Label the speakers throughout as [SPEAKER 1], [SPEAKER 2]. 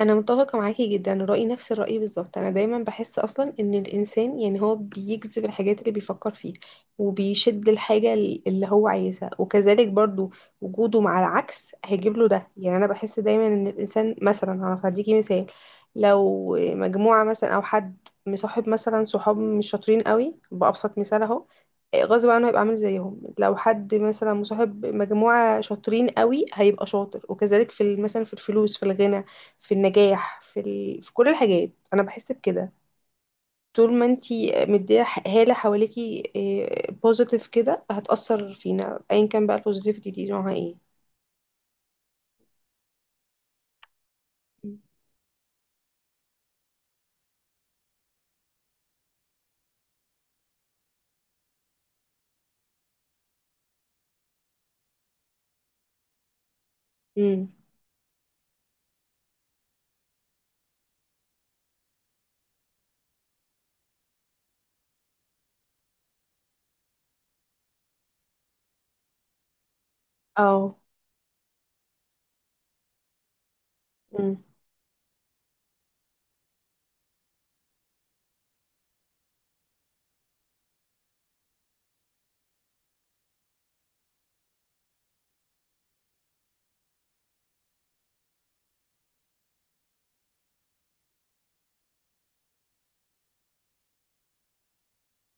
[SPEAKER 1] انا متفقه معاكي جدا، رايي نفس الراي بالظبط. انا دايما بحس اصلا ان الانسان يعني هو بيجذب الحاجات اللي بيفكر فيها وبيشد الحاجه اللي هو عايزها، وكذلك برضو وجوده مع العكس هيجيب له ده. يعني انا بحس دايما ان الانسان مثلا، هديكي مثال، لو مجموعه مثلا او حد مصاحب مثلا صحاب مش شاطرين قوي، بابسط مثال اهو، غصب عنه هيبقى عامل زيهم. لو حد مثلا مصاحب مجموعه شاطرين قوي هيبقى شاطر، وكذلك مثلا في الفلوس، في الغنى، في النجاح، في كل الحاجات انا بحس بكده. طول ما انتي مديه هاله حواليكي بوزيتيف كده هتأثر فينا، ايا كان بقى البوزيتيفيتي دي نوعها ايه. امم. اه. امم.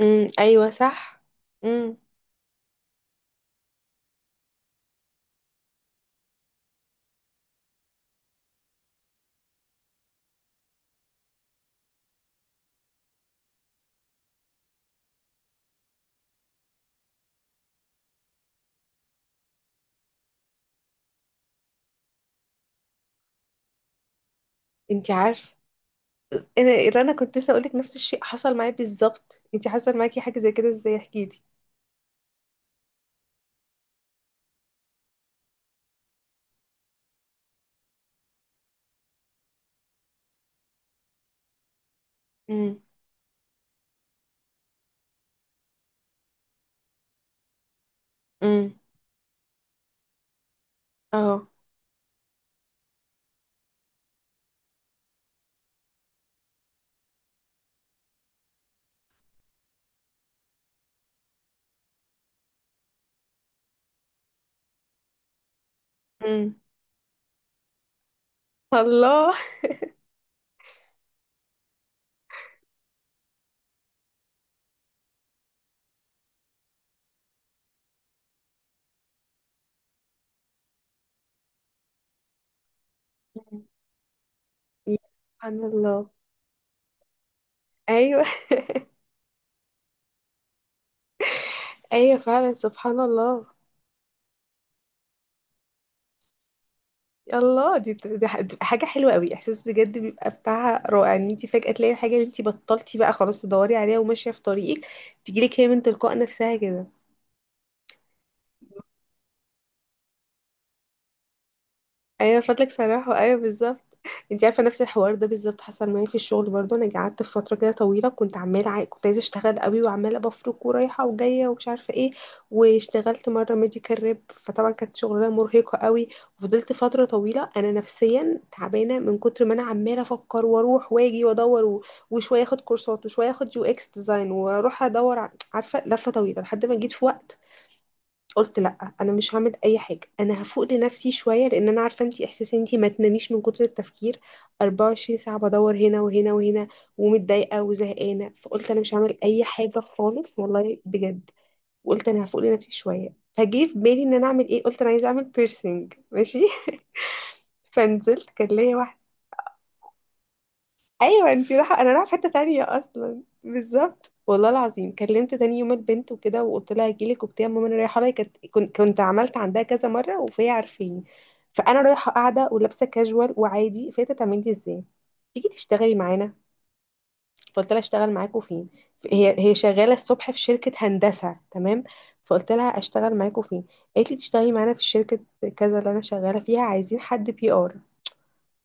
[SPEAKER 1] امم، ايوه صح. امم. انتي عارفه، انا انا كنت لسه اقولك نفس الشيء حصل معايا بالظبط. انتي حصل معاكي حاجه زي كده؟ ازاي احكي لي. امم. امم. اه. امم. الله. مم. سبحان الله. ايوه. ايوه فعلا سبحان الله. الله، دي بتبقى حاجة حلوة قوي، احساس بجد بيبقى بتاعها رائع، ان انت فجأة تلاقي الحاجة اللي انت بطلتي بقى خلاص تدوري عليها وماشية في طريقك، تجيلك هي من تلقاء نفسها كده. ايوه فضلك صراحة، ايوه بالظبط. انت عارفه نفس الحوار ده بالظبط حصل معايا في الشغل برضه. انا قعدت في فتره كده طويله كنت عماله كنت عايزه اشتغل قوي، وعماله بفرك ورايحه وجايه ومش عارفه ايه. واشتغلت مره ميديكال ريب، فطبعا كانت شغلانه مرهقه قوي. وفضلت فتره طويله انا نفسيا تعبانه من كتر ما انا عماله افكر واروح واجي وادور وشويه اخد كورسات وشويه اخد يو اكس ديزاين واروح ادور عارفه، لفه طويله. لحد ما جيت في وقت قلت لا، انا مش هعمل اي حاجه، انا هفوق لنفسي شويه، لان انا عارفه انتي احساس انتي ما تناميش من كتر التفكير، 24 ساعه بدور هنا وهنا وهنا، ومتضايقه وزهقانه. فقلت انا مش هعمل اي حاجه خالص والله بجد، وقلت انا هفوق لنفسي شويه. فجه في بالي ان انا اعمل ايه؟ قلت انا عايزه اعمل بيرسينج، ماشي. فنزلت، كان ليا واحده. ايوه انتي رايحه، انا رايحه في حته تانية اصلا بالظبط. والله العظيم كلمت تاني يوم البنت وكده، وقلت لها هجيلك وبتاع، ماما انا رايحه لها، كنت كنت عملت عندها كذا مره، وفهي عارفيني. فانا رايحه قاعده ولابسه كاجوال وعادي، فهي تعمل لي ازاي تيجي تشتغلي معانا؟ فقلت لها اشتغل معاكوا فين؟ هي شغاله الصبح في شركه هندسه، تمام. فقلت لها اشتغل معاكوا فين؟ قالت لي تشتغلي معانا في شركه كذا، اللي انا شغاله فيها، عايزين حد بي ار.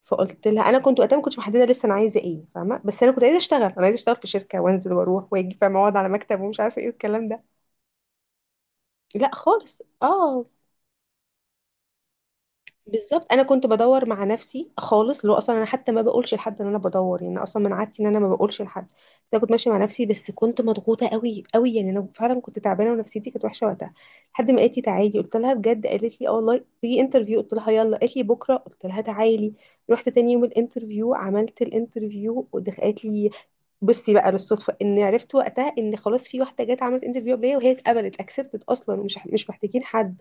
[SPEAKER 1] فقلت لها، انا كنت وقتها ما كنتش محدده لسه انا عايزه ايه، فاهمه؟ بس انا كنت عايزه اشتغل، انا عايزه اشتغل في شركه، وانزل واروح واجي، فاهمه، اقعد على مكتب، ومش عارفه ايه والكلام ده. لا خالص. اه، بالظبط، انا كنت بدور مع نفسي خالص. لو اصلا انا حتى ما بقولش لحد ان انا بدور، يعني أنا اصلا من عادتي ان انا ما بقولش لحد، بس انا كنت ماشيه مع نفسي. بس كنت مضغوطه قوي قوي، يعني انا فعلا كنت تعبانه ونفسيتي كانت وحشه وقتها. لحد ما قالت لي تعالي، قلت لها بجد؟ قالت لي اه والله، تيجي انترفيو. قلت لها يلا. قالت لي بكره. قلت لها تعالي. رحت تاني يوم الانترفيو، عملت الانترفيو، قالت لي بصي بقى للصدفه، ان عرفت وقتها ان خلاص في واحده جت عملت انترفيو قبليه وهي اتقبلت اكسبتت اصلا، ومش مش محتاجين حد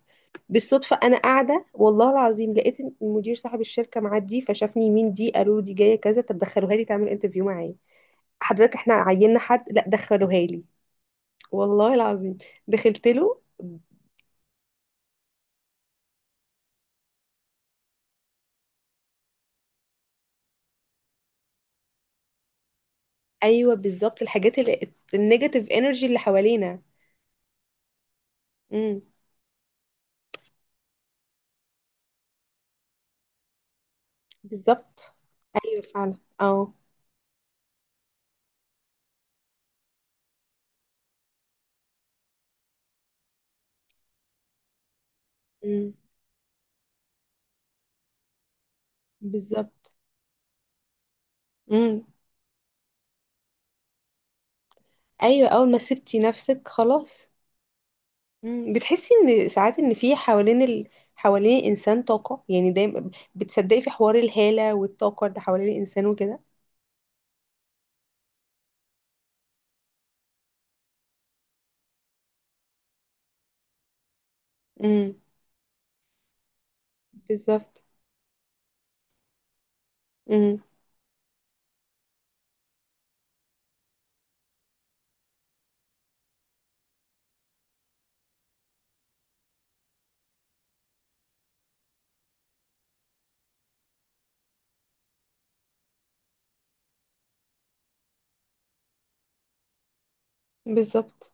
[SPEAKER 1] بالصدفة. أنا قاعدة والله العظيم، لقيت المدير صاحب الشركة معدي، فشافني، مين دي؟ قالوا له دي جاية كذا، طب دخلوها لي تعمل انترفيو معايا. حضرتك احنا عيننا حد. لا دخلوها لي. والله العظيم، دخلت له. أيوه بالظبط، الحاجات اللي النيجاتيف انرجي اللي حوالينا. امم. بالظبط. أيوه فعلا. اه. امم. بالظبط. امم. أيوه، أول ما سبتي نفسك خلاص. مم. بتحسي ان ساعات ان في حوالين الانسان طاقة، يعني دايما بتصدقي في حوار الهالة والطاقة اللي حوالين الانسان وكده. امم. بالظبط. امم. بالظبط.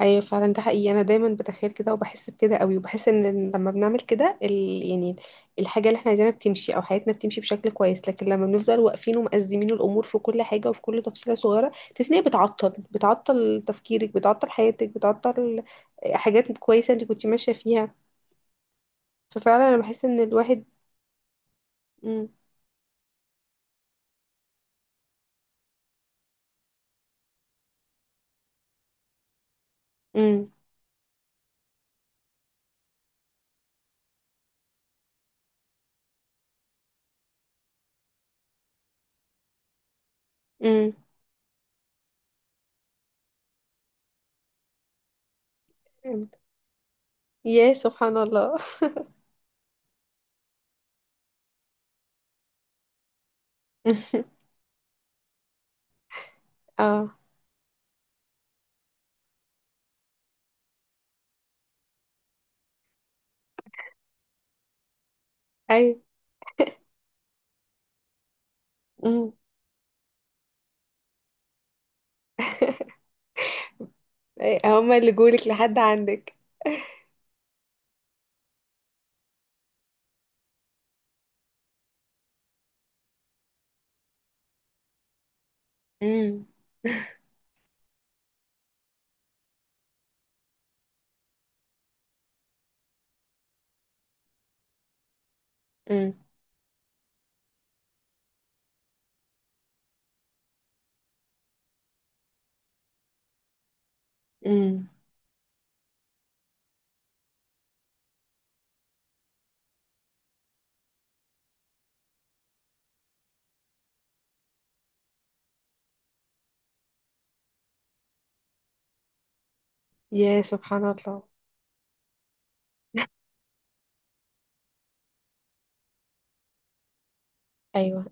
[SPEAKER 1] ايوه فعلا، ده حقيقي، انا دايما بتخيل كده وبحس بكده قوي. وبحس ان لما بنعمل كده يعني الحاجة اللي احنا عايزينها بتمشي، او حياتنا بتمشي بشكل كويس. لكن لما بنفضل واقفين ومأزمين الامور في كل حاجة وفي كل تفصيلة صغيرة، تحسي ان هي بتعطل، بتعطل تفكيرك، بتعطل حياتك، بتعطل حاجات كويسة انت كنت ماشية فيها. ففعلا انا بحس ان الواحد. امم. امم. امم. فهمت. يا سبحان الله. اه. ايوه. امم. هما اللي جولك لحد عندك؟ امم. امم. امم. يا سبحان الله. ايوه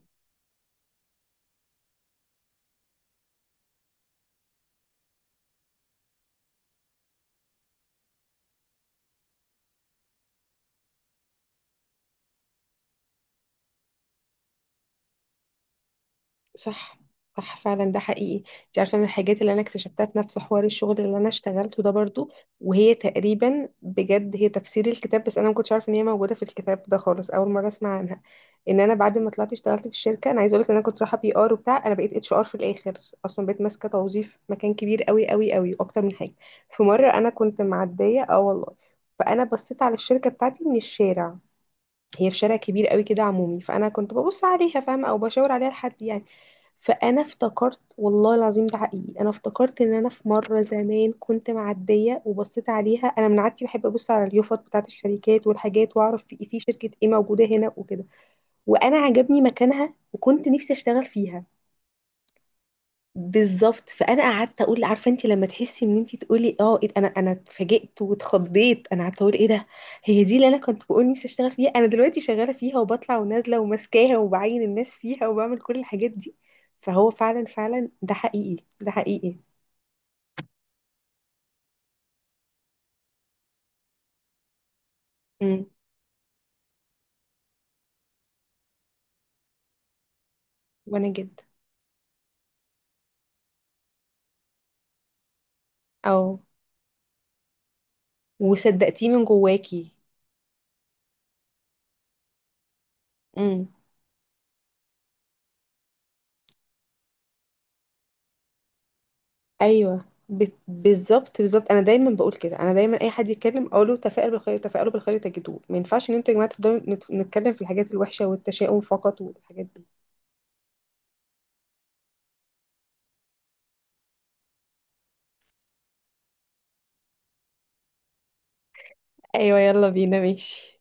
[SPEAKER 1] صح. صح فعلا ده حقيقي. انت عارفه من الحاجات اللي انا اكتشفتها في نفس حوار الشغل اللي انا اشتغلته ده برضو، وهي تقريبا بجد هي تفسير الكتاب، بس انا ما كنتش عارفه ان هي موجوده في الكتاب ده خالص، اول مره اسمع عنها. ان انا بعد ما طلعت اشتغلت في الشركه، انا عايزه اقول لك ان انا كنت رايحه بي ار وبتاع، انا بقيت اتش ار في الاخر اصلا، بقيت ماسكه توظيف مكان كبير قوي قوي قوي واكتر من حاجه. في مره انا كنت معديه، اه والله، فانا بصيت على الشركه بتاعتي من الشارع. هي في شارع كبير قوي كده عمومي، فانا كنت ببص عليها، فاهمه، او بشاور عليها لحد، يعني. فانا افتكرت والله العظيم ده حقيقي، انا افتكرت ان انا في مره زمان كنت معديه وبصيت عليها، انا من عادتي بحب ابص على اليوفط بتاعت الشركات والحاجات واعرف في إيه، في شركه ايه موجوده هنا وكده، وانا عجبني مكانها وكنت نفسي اشتغل فيها. بالظبط، فانا قعدت اقول عارفه انت لما تحسي ان انت تقولي اه إيه ده، انا انا اتفاجئت واتخضيت، انا قعدت اقول ايه ده؟ هي دي اللي انا كنت بقول نفسي اشتغل فيها. انا دلوقتي شغاله فيها، وبطلع ونازله وماسكاها وبعين الناس فيها، وبعمل كل الحاجات دي. فهو فعلا فعلا ده حقيقي، ده حقيقي. امم. وانا جدا. اه. وصدقتيه من جواكي. ايوه بالظبط، بالظبط. انا دايما بقول كده، انا دايما اي حد يتكلم اقول له تفائلوا بالخير، تفائلوا بالخير تجدوه. ما ينفعش ان انتوا يا جماعه تفضلوا نتكلم في الحاجات الوحشه والتشاؤم فقط والحاجات دي. ايوه يلا بينا، ماشي.